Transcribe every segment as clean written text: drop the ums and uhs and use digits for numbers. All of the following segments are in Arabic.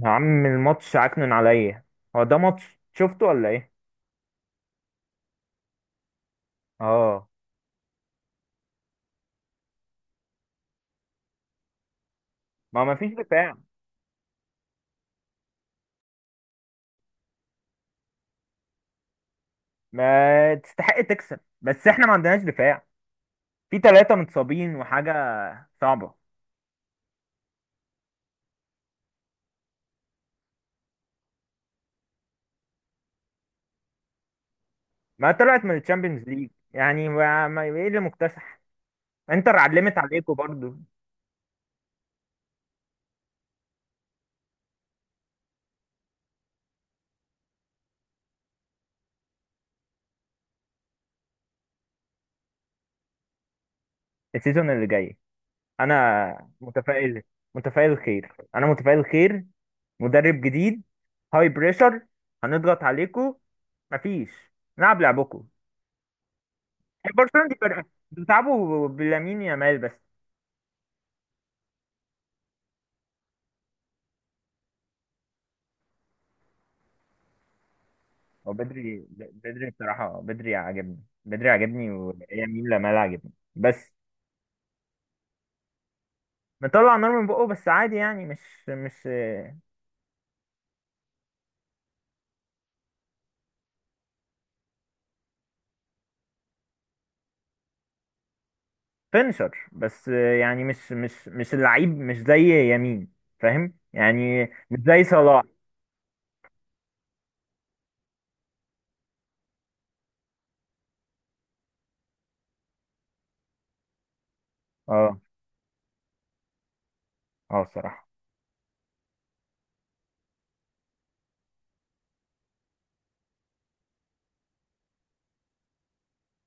يا عم الماتش عكنن عليا. هو ده ماتش شفته ولا ايه؟ اه، ما فيش دفاع. ما تستحق تكسب، بس احنا ما عندناش دفاع. في ثلاثة متصابين وحاجة صعبة. ما طلعت من الشامبيونز ليج يعني ايه اللي مكتسح؟ انتر علمت عليكم برضو. السيزون اللي جاي انا متفائل. متفائل خير، انا متفائل خير. مدرب جديد، هاي بريشر، هنضغط عليكم. مفيش، نلعب لعبكم. يعني برشلونة دي فرقة بتلعبوا بلامين يامال بس. هو بدري بصراحة، بدري عاجبني، بدري عاجبني ويمين لامال عاجبني بس. مطلع نار من بقه بس عادي، يعني مش فينشر بس، يعني مش اللعيب، مش زي يمين. فاهم؟ يعني مش زي صلاح. اه. اه الصراحة.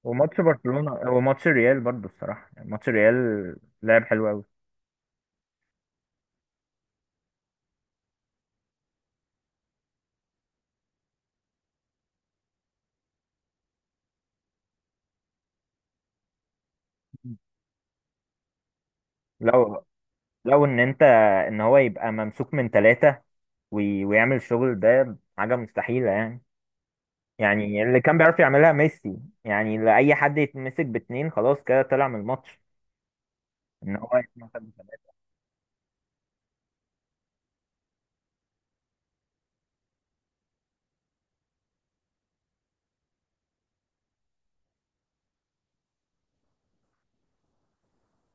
وماتش برشلونة وماتش ريال برضو الصراحة، يعني ماتش ريال لعب حلو قوي. لو لو ان انت، ان هو يبقى ممسوك من ثلاثة ويعمل الشغل ده، حاجة مستحيلة يعني. يعني اللي كان بيعرف يعملها ميسي. يعني لأي حد يتمسك باتنين خلاص كده طلع من الماتش. ان هو يتمسك بثلاثة.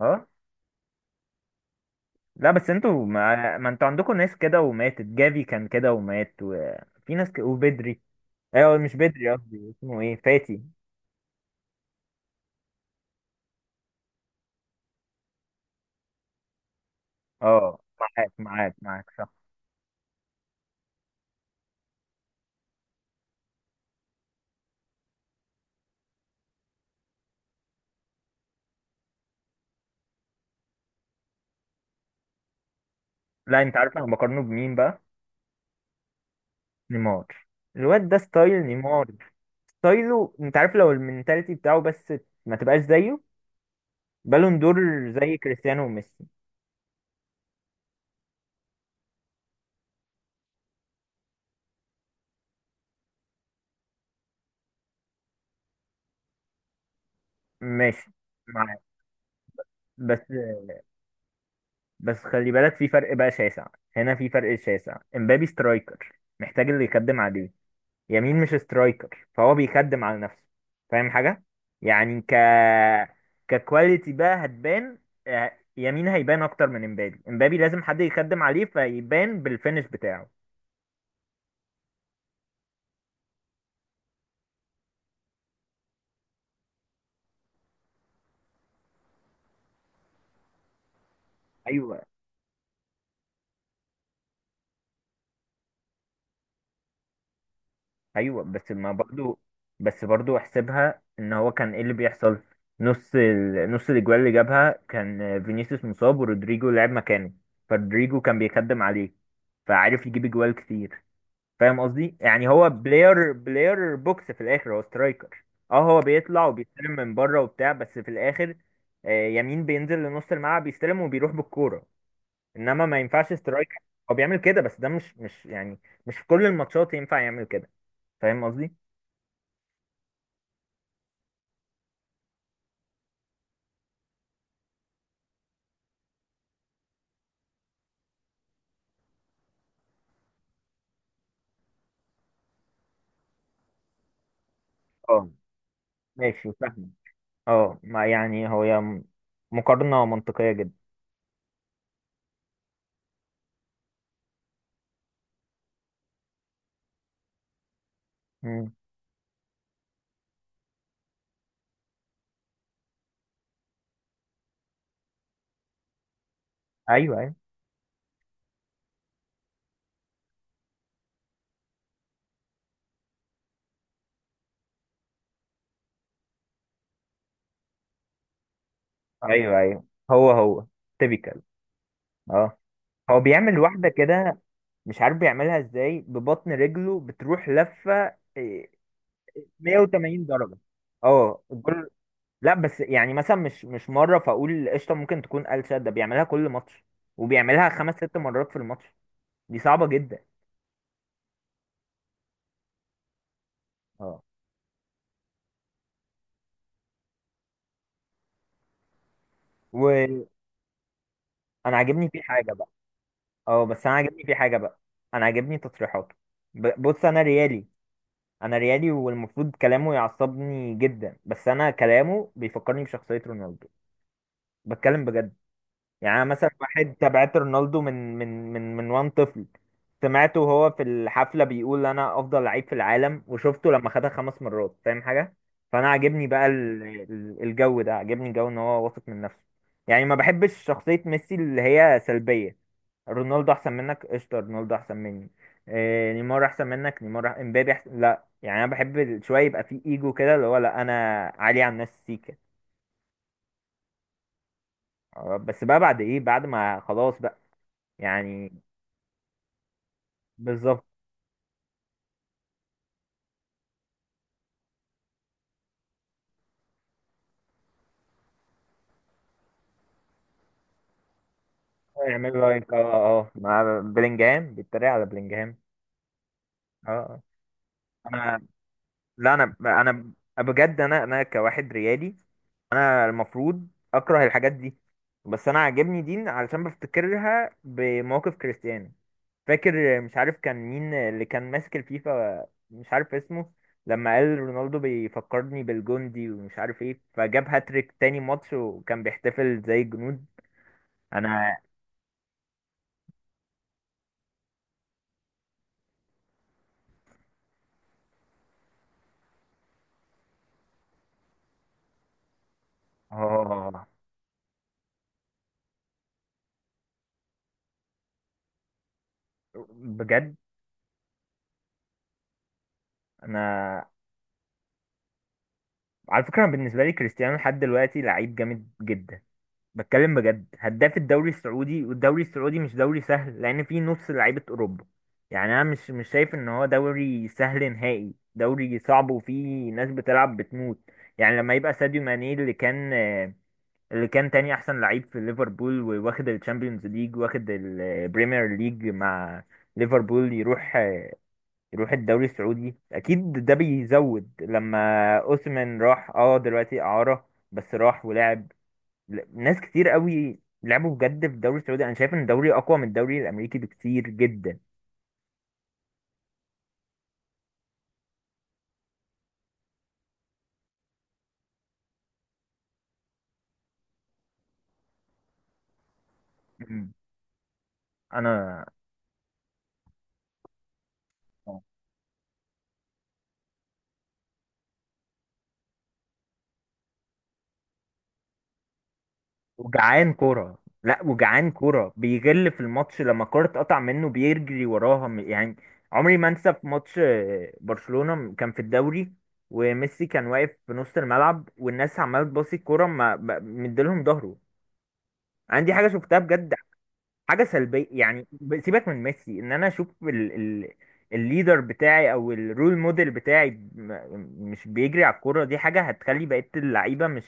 اه. لا بس انتوا ما انتوا عندكم ناس كده، وماتت جافي كان كده ومات، وفي ناس ك... وبدري. ايوه، مش بدري، قصدي اسمه ايه، فاتي. اه، معاك صح. لا انت عارف انا بقارنه بمين بقى؟ نيمار. الواد ده ستايل نيمار، ستايله. انت عارف لو المنتاليتي بتاعه بس، ما تبقاش زيه. بالون دور زي كريستيانو وميسي. ماشي، معاك. بس، بس خلي بالك في فرق بقى شاسع. هنا في فرق شاسع. امبابي سترايكر محتاج اللي يخدم عليه. يمين مش سترايكر، فهو بيخدم على نفسه. فاهم حاجة؟ يعني ك ككواليتي بقى هتبان. يمين هيبان اكتر من امبابي. امبابي لازم حد يخدم عليه فيبان بالفينش بتاعه. ايوه، ايوه بس ما برضو، بس برضو احسبها ان هو كان ايه اللي بيحصل. نص ال... نص الاجوال اللي جابها كان فينيسيوس مصاب ورودريجو لعب مكانه، فرودريجو كان بيخدم عليه فعارف يجيب اجوال كتير. فاهم قصدي؟ يعني هو بلاير بلاير بوكس، في الاخر هو سترايكر. اه، هو بيطلع وبيستلم من بره وبتاع بس في الاخر، يمين بينزل لنص الملعب يستلم وبيروح بالكوره، انما ما ينفعش سترايكر. هو بيعمل كده بس ده مش يعني، مش في كل الماتشات ينفع يعمل كده. فاهم قصدي؟ اه. ماشي، فاهمة. اه، ما يعني هو يا، مقارنة منطقية جدا. مم. ايوه، ايوه، ايوه، ايوه. هو هو تيبيكال. اه. هو بيعمل واحدة كده، مش عارف بيعملها ازاي، ببطن رجله بتروح لفة 180 درجة. اه الجول. لا بس يعني مثلا مش مرة فاقول قشطة ممكن تكون قال، ده بيعملها كل ماتش وبيعملها خمس ست مرات في الماتش. دي صعبة جدا. اه. وانا عاجبني فيه حاجة. اه بس انا عاجبني في حاجه بقى. انا عاجبني تصريحاته. بص انا ريالي. انا ريالي والمفروض كلامه يعصبني جدا، بس انا كلامه بيفكرني بشخصيه رونالدو. بتكلم بجد. يعني انا مثلا واحد تابعت رونالدو من وان طفل. سمعته وهو في الحفله بيقول انا افضل لعيب في العالم، وشفته لما خدها خمس مرات. فاهم حاجه؟ فانا عاجبني بقى الجو ده، عاجبني جو ان هو واثق من نفسه. يعني ما بحبش شخصيه ميسي اللي هي سلبيه. رونالدو احسن منك قشطه، رونالدو احسن مني، إيه نيمار احسن منك، نيمار امبابي احسن، لا يعني انا بحب شويه يبقى في ايجو كده، اللي هو لا انا عالي على الناس سيكا. بس بقى بعد ايه، بعد ما خلاص بقى يعني. بالظبط. يعملوا لايك اه. اه مع بلينجهام، بيتريق على بلينجهام. اه. آه. انا، لا انا، انا بجد انا، انا كواحد ريالي انا المفروض اكره الحاجات دي، بس انا عاجبني دي علشان بفتكرها بمواقف كريستيانو. فاكر مش عارف كان مين اللي كان ماسك الفيفا، مش عارف اسمه، لما قال رونالدو بيفكرني بالجندي ومش عارف ايه، فجاب هاتريك تاني ماتش وكان بيحتفل زي الجنود. انا، اه بجد. انا، على فكرة أنا بالنسبة لي كريستيانو لحد دلوقتي لعيب جامد جدا. بتكلم بجد. هداف الدوري السعودي، والدوري السعودي مش دوري سهل لان فيه نص لعيبه اوروبا. يعني انا مش شايف ان هو دوري سهل نهائي، دوري صعب وفيه ناس بتلعب بتموت. يعني لما يبقى ساديو ماني اللي كان، اللي كان تاني احسن لعيب في ليفربول وواخد الشامبيونز ليج واخد البريمير ليج مع ليفربول، يروح، يروح الدوري السعودي، اكيد ده بيزود. لما اوسمن راح، اه دلوقتي اعاره بس راح ولعب. ناس كتير قوي لعبوا بجد في الدوري السعودي. انا شايف ان الدوري اقوى من الدوري الامريكي بكتير جدا. مم. انا، وجعان كوره، لا وجعان كوره، بيغل في الماتش لما الكوره تقطع منه بيجري وراها يعني. عمري ما انسى في ماتش برشلونة كان في الدوري، وميسي كان واقف في نص الملعب والناس عماله تباصي الكوره ما مديلهم ظهره. انا دي حاجه شفتها بجد، حاجه سلبيه يعني. سيبك من ميسي، ان انا اشوف ال ال الليدر بتاعي او الرول موديل بتاعي مش بيجري على الكوره، دي حاجه هتخلي بقيه اللعيبه مش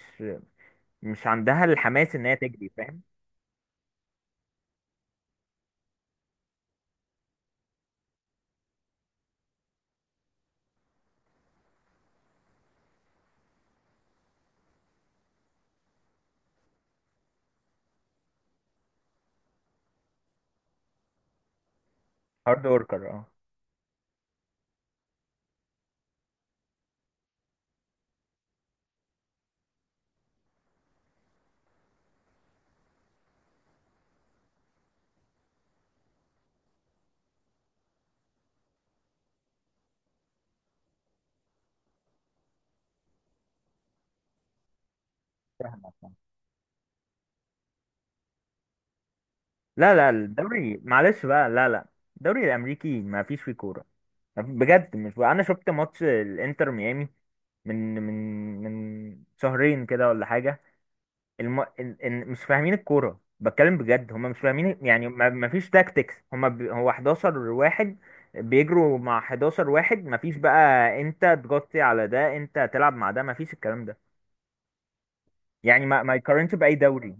مش عندها الحماس ان هي تجري. فاهم؟ هارد وركر، اه. فاهمك. لا لا الدوري معلش بقى، لا لا، الدوري الامريكي ما فيش فيه كوره. بجد مش بقى. انا شفت ماتش الانتر ميامي من من من شهرين كده ولا حاجه. الم... إن... إن مش فاهمين الكورة، بتكلم بجد، هم مش فاهمين. يعني ما ما فيش تاكتكس، هم ب... هو 11 واحد بيجروا مع 11 واحد. ما فيش بقى انت تغطي على ده، انت تلعب مع ده، ما فيش الكلام ده. يعني ما يقارنش بأي دوري.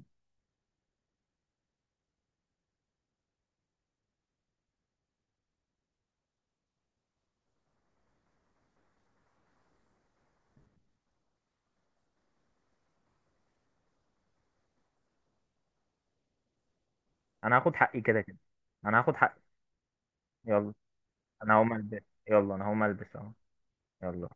انا هاخد حقي كده كده. انا هاخد حقي. يلا، انا هقوم البس. يلا انا هقوم البس اهو. يلا.